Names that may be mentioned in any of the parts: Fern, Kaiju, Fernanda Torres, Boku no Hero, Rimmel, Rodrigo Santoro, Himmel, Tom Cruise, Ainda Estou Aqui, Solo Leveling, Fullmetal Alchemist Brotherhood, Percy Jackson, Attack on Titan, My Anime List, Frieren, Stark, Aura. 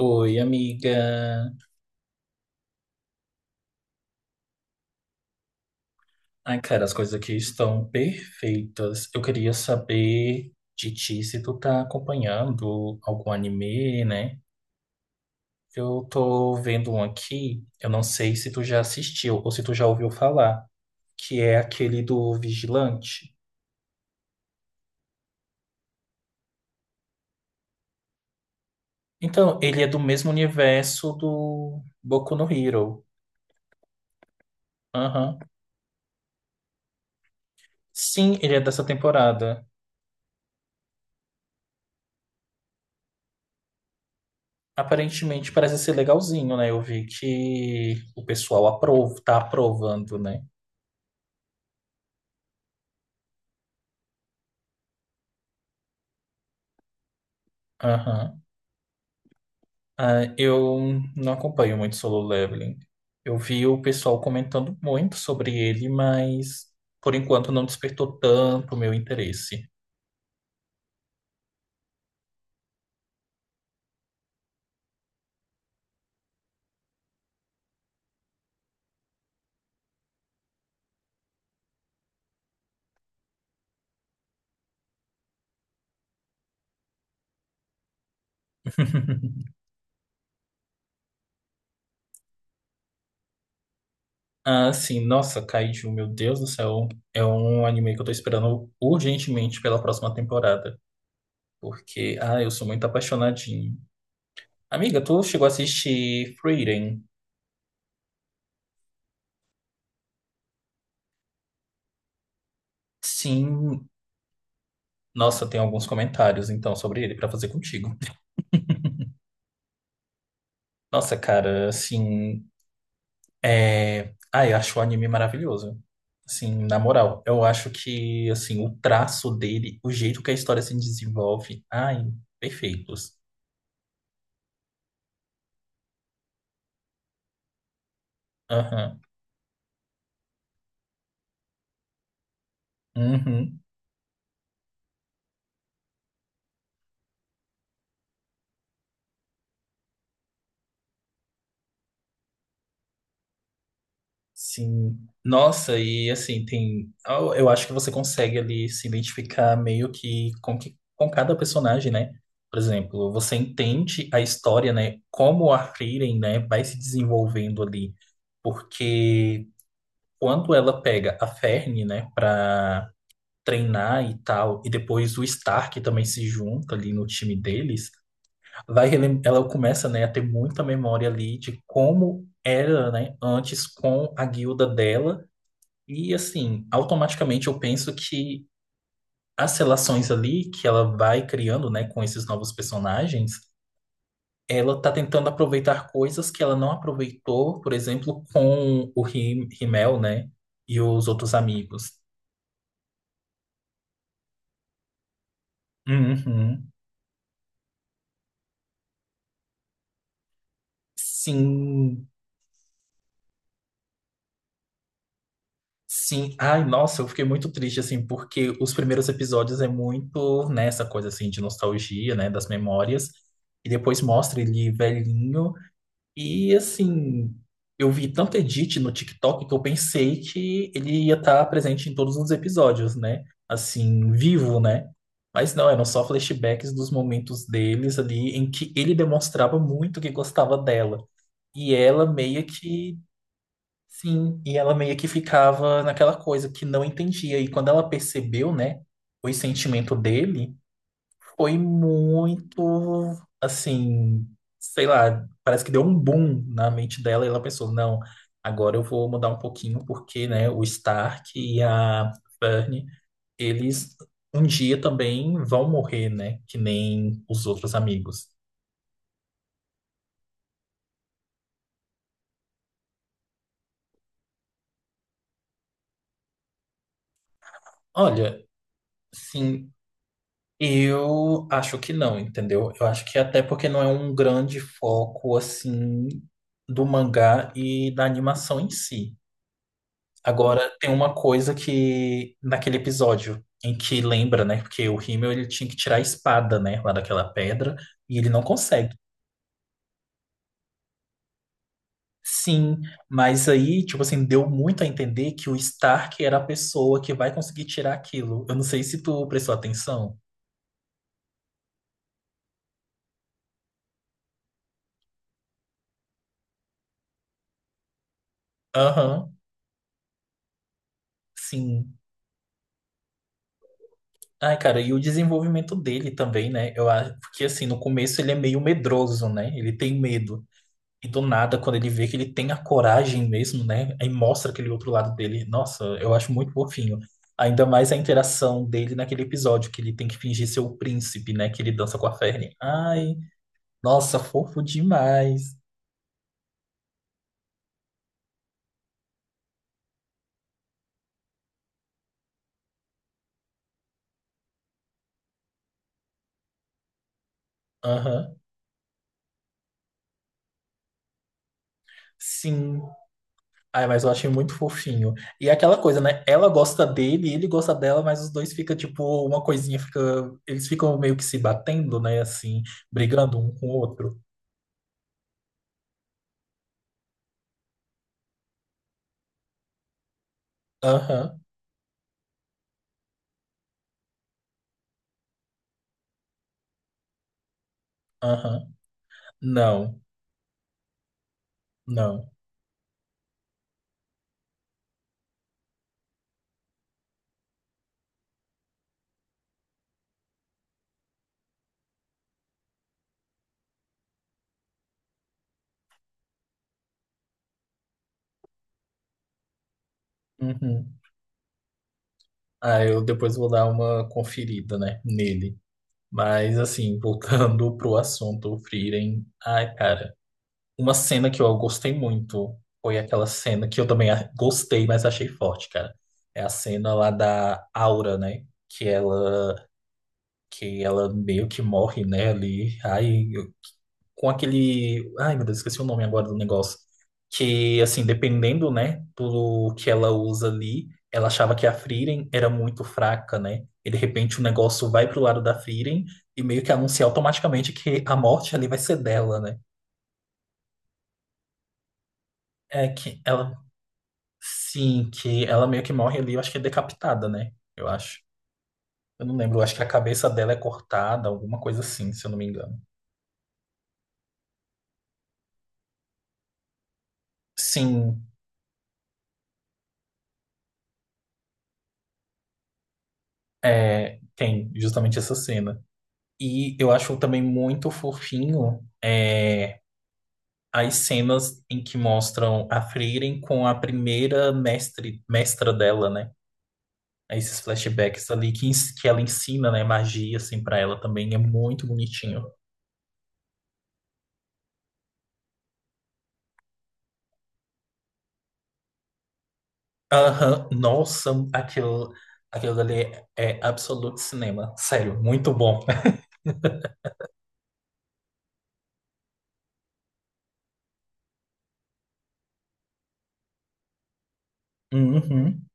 Oi, amiga. Ai, cara, as coisas aqui estão perfeitas. Eu queria saber de ti se tu tá acompanhando algum anime, né? Eu tô vendo um aqui, eu não sei se tu já assistiu ou se tu já ouviu falar, que é aquele do Vigilante. Então, ele é do mesmo universo do Boku no Hero. Aham. Sim, ele é dessa temporada. Aparentemente parece ser legalzinho, né? Eu vi que o pessoal aprova, tá aprovando, né? Aham. Ah, eu não acompanho muito Solo Leveling. Eu vi o pessoal comentando muito sobre ele, mas por enquanto não despertou tanto o meu interesse. Ah, sim, nossa, Kaiju, meu Deus do céu. É um anime que eu tô esperando urgentemente pela próxima temporada. Porque, ah, eu sou muito apaixonadinho. Amiga, tu chegou a assistir Frieren? Sim, nossa, tem alguns comentários então sobre ele pra fazer contigo. Nossa, cara, assim. É... Ah, eu acho o anime maravilhoso. Assim, na moral, eu acho que assim, o traço dele, o jeito que a história se desenvolve, ai, perfeitos. Aham. Uhum. Sim. Nossa, e assim, tem. Eu acho que você consegue ali se identificar meio que, com cada personagem, né? Por exemplo, você entende a história, né? Como a Frieren, né, vai se desenvolvendo ali. Porque quando ela pega a Fern, né, pra treinar e tal, e depois o Stark também se junta ali no time deles, ela começa, né, a ter muita memória ali de como era, né, antes com a guilda dela, e assim, automaticamente eu penso que as relações ali que ela vai criando, né, com esses novos personagens, ela tá tentando aproveitar coisas que ela não aproveitou, por exemplo, com o Rimmel, né, e os outros amigos. Uhum. Sim, Sim, ai, nossa, eu fiquei muito triste, assim, porque os primeiros episódios é muito nessa coisa, assim, de nostalgia, né, das memórias, e depois mostra ele velhinho, e, assim, eu vi tanto edit no TikTok que eu pensei que ele ia estar presente em todos os episódios, né, assim, vivo, né, mas não, eram só flashbacks dos momentos deles ali, em que ele demonstrava muito que gostava dela, e ela meio que Sim, e ela meio que ficava naquela coisa que não entendia. E quando ela percebeu, né, o sentimento dele, foi muito, assim, sei lá, parece que deu um boom na mente dela e ela pensou, não, agora eu vou mudar um pouquinho porque, né, o Stark e a Fern, eles um dia também vão morrer, né, que nem os outros amigos. Olha, sim, eu acho que não, entendeu? Eu acho que até porque não é um grande foco assim do mangá e da animação em si. Agora tem uma coisa que naquele episódio em que lembra, né? Porque o Himmel ele tinha que tirar a espada, né, lá daquela pedra e ele não consegue. Sim, mas aí, tipo assim, deu muito a entender que o Stark era a pessoa que vai conseguir tirar aquilo. Eu não sei se tu prestou atenção. Aham, sim. Ai, cara, e o desenvolvimento dele também, né? Eu acho que assim, no começo ele é meio medroso, né? Ele tem medo. E do nada, quando ele vê que ele tem a coragem mesmo, né? Aí mostra aquele outro lado dele. Nossa, eu acho muito fofinho. Ainda mais a interação dele naquele episódio que ele tem que fingir ser o príncipe, né? Que ele dança com a Fern. Ai, nossa, fofo demais. Aham. Sim. Ai, mas eu achei muito fofinho. E é aquela coisa, né? Ela gosta dele, ele gosta dela, mas os dois fica tipo, uma coisinha fica. Eles ficam meio que se batendo, né? Assim, brigando um com o outro. Aham, aham. Não, não. Uhum. Ah, eu depois vou dar uma conferida, né? Nele. Mas, assim, voltando pro assunto, o Frieren. Ai, cara. Uma cena que eu gostei muito foi aquela cena que eu também gostei, mas achei forte, cara. É a cena lá da Aura, né? Que ela meio que morre, né? Ali, aí eu- com aquele, ai meu Deus, esqueci o nome agora do negócio. Que assim, dependendo, né, do que ela usa ali, ela achava que a Frieren era muito fraca, né? E de repente o negócio vai pro lado da Frieren e meio que anuncia automaticamente que a morte ali vai ser dela, né? É que ela Sim, que ela meio que morre ali, eu acho que é decapitada, né? Eu acho. Eu não lembro, eu acho que a cabeça dela é cortada, alguma coisa assim, se eu não me engano. Sim, é, tem justamente essa cena. E eu acho também muito fofinho é, as cenas em que mostram a Frieren com a primeira mestre, mestra dela, né? Esses flashbacks ali que, que ela ensina, né, magia, assim, para ela também é muito bonitinho. Aham, nossa, aquilo, aquilo dali é absoluto cinema. Sério, muito bom. Uhum.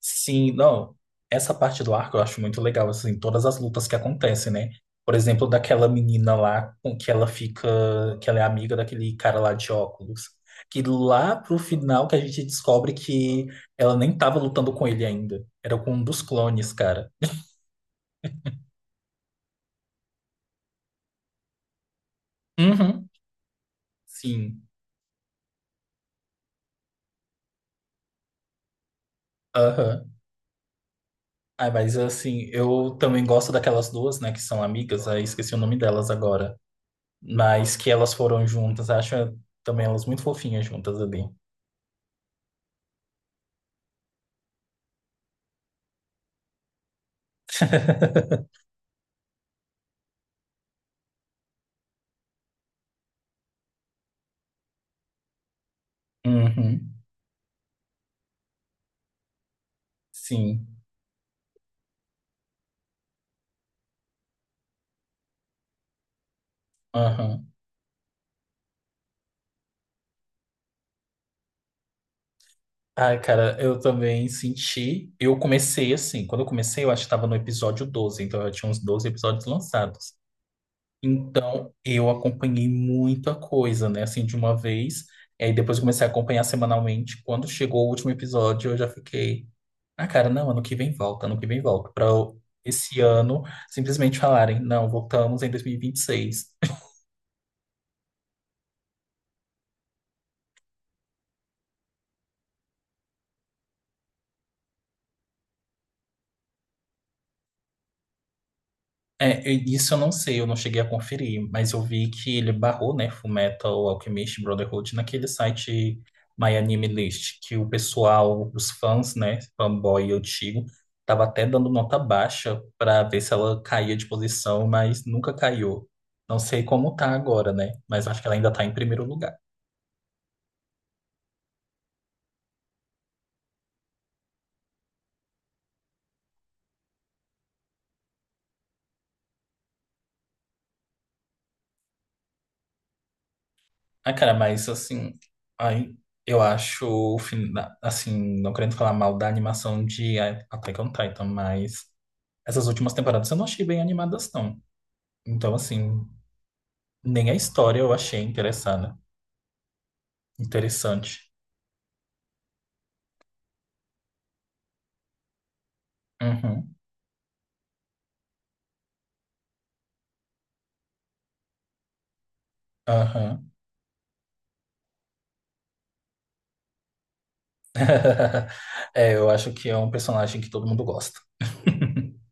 Sim, não. Essa parte do arco eu acho muito legal, assim, todas as lutas que acontecem, né? Por exemplo, daquela menina lá com que ela fica, que ela é amiga daquele cara lá de óculos. Que lá pro final que a gente descobre que ela nem tava lutando com ele ainda. Era com um dos clones, cara. Uhum. Sim. Aham. Ah, mas assim, eu também gosto daquelas duas, né, que são amigas, aí esqueci o nome delas agora. Mas que elas foram juntas, acho também elas muito fofinhas juntas ali. Uhum, sim. Aham. Ai, cara, eu também senti. Eu comecei assim, quando eu comecei, eu acho que estava no episódio 12, então eu tinha uns 12 episódios lançados. Então eu acompanhei muita coisa, né, assim, de uma vez. E aí depois eu comecei a acompanhar semanalmente. Quando chegou o último episódio, eu já fiquei. Ah, cara, não, ano que vem volta, ano que vem volta. Pra esse ano simplesmente falarem, não, voltamos em 2026. É, eu- isso eu não sei, eu não cheguei a conferir, mas eu vi que ele barrou, né, Fullmetal Alchemist Brotherhood naquele site My Anime List, que o pessoal, os fãs, né, fanboy antigo, tava até dando nota baixa pra ver se ela caía de posição, mas nunca caiu. Não sei como tá agora, né, mas acho que ela ainda tá em primeiro lugar. Ah, cara, mas assim, aí eu acho, assim, não querendo falar mal da animação de Attack on Titan, mas essas últimas temporadas eu não achei bem animadas, não. Então, assim, nem a história eu achei interessada, interessante. Uhum, aham. É, eu acho que é um personagem que todo mundo gosta.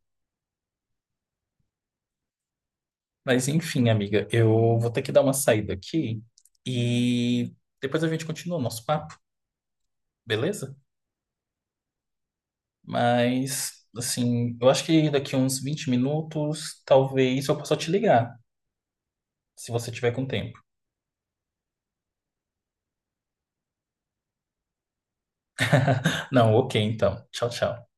Mas enfim, amiga, eu vou ter que dar uma saída aqui e depois a gente continua o nosso papo, beleza? Mas, assim, eu acho que daqui uns 20 minutos, talvez eu possa te ligar, se você tiver com tempo. Não, ok, então. Tchau, tchau.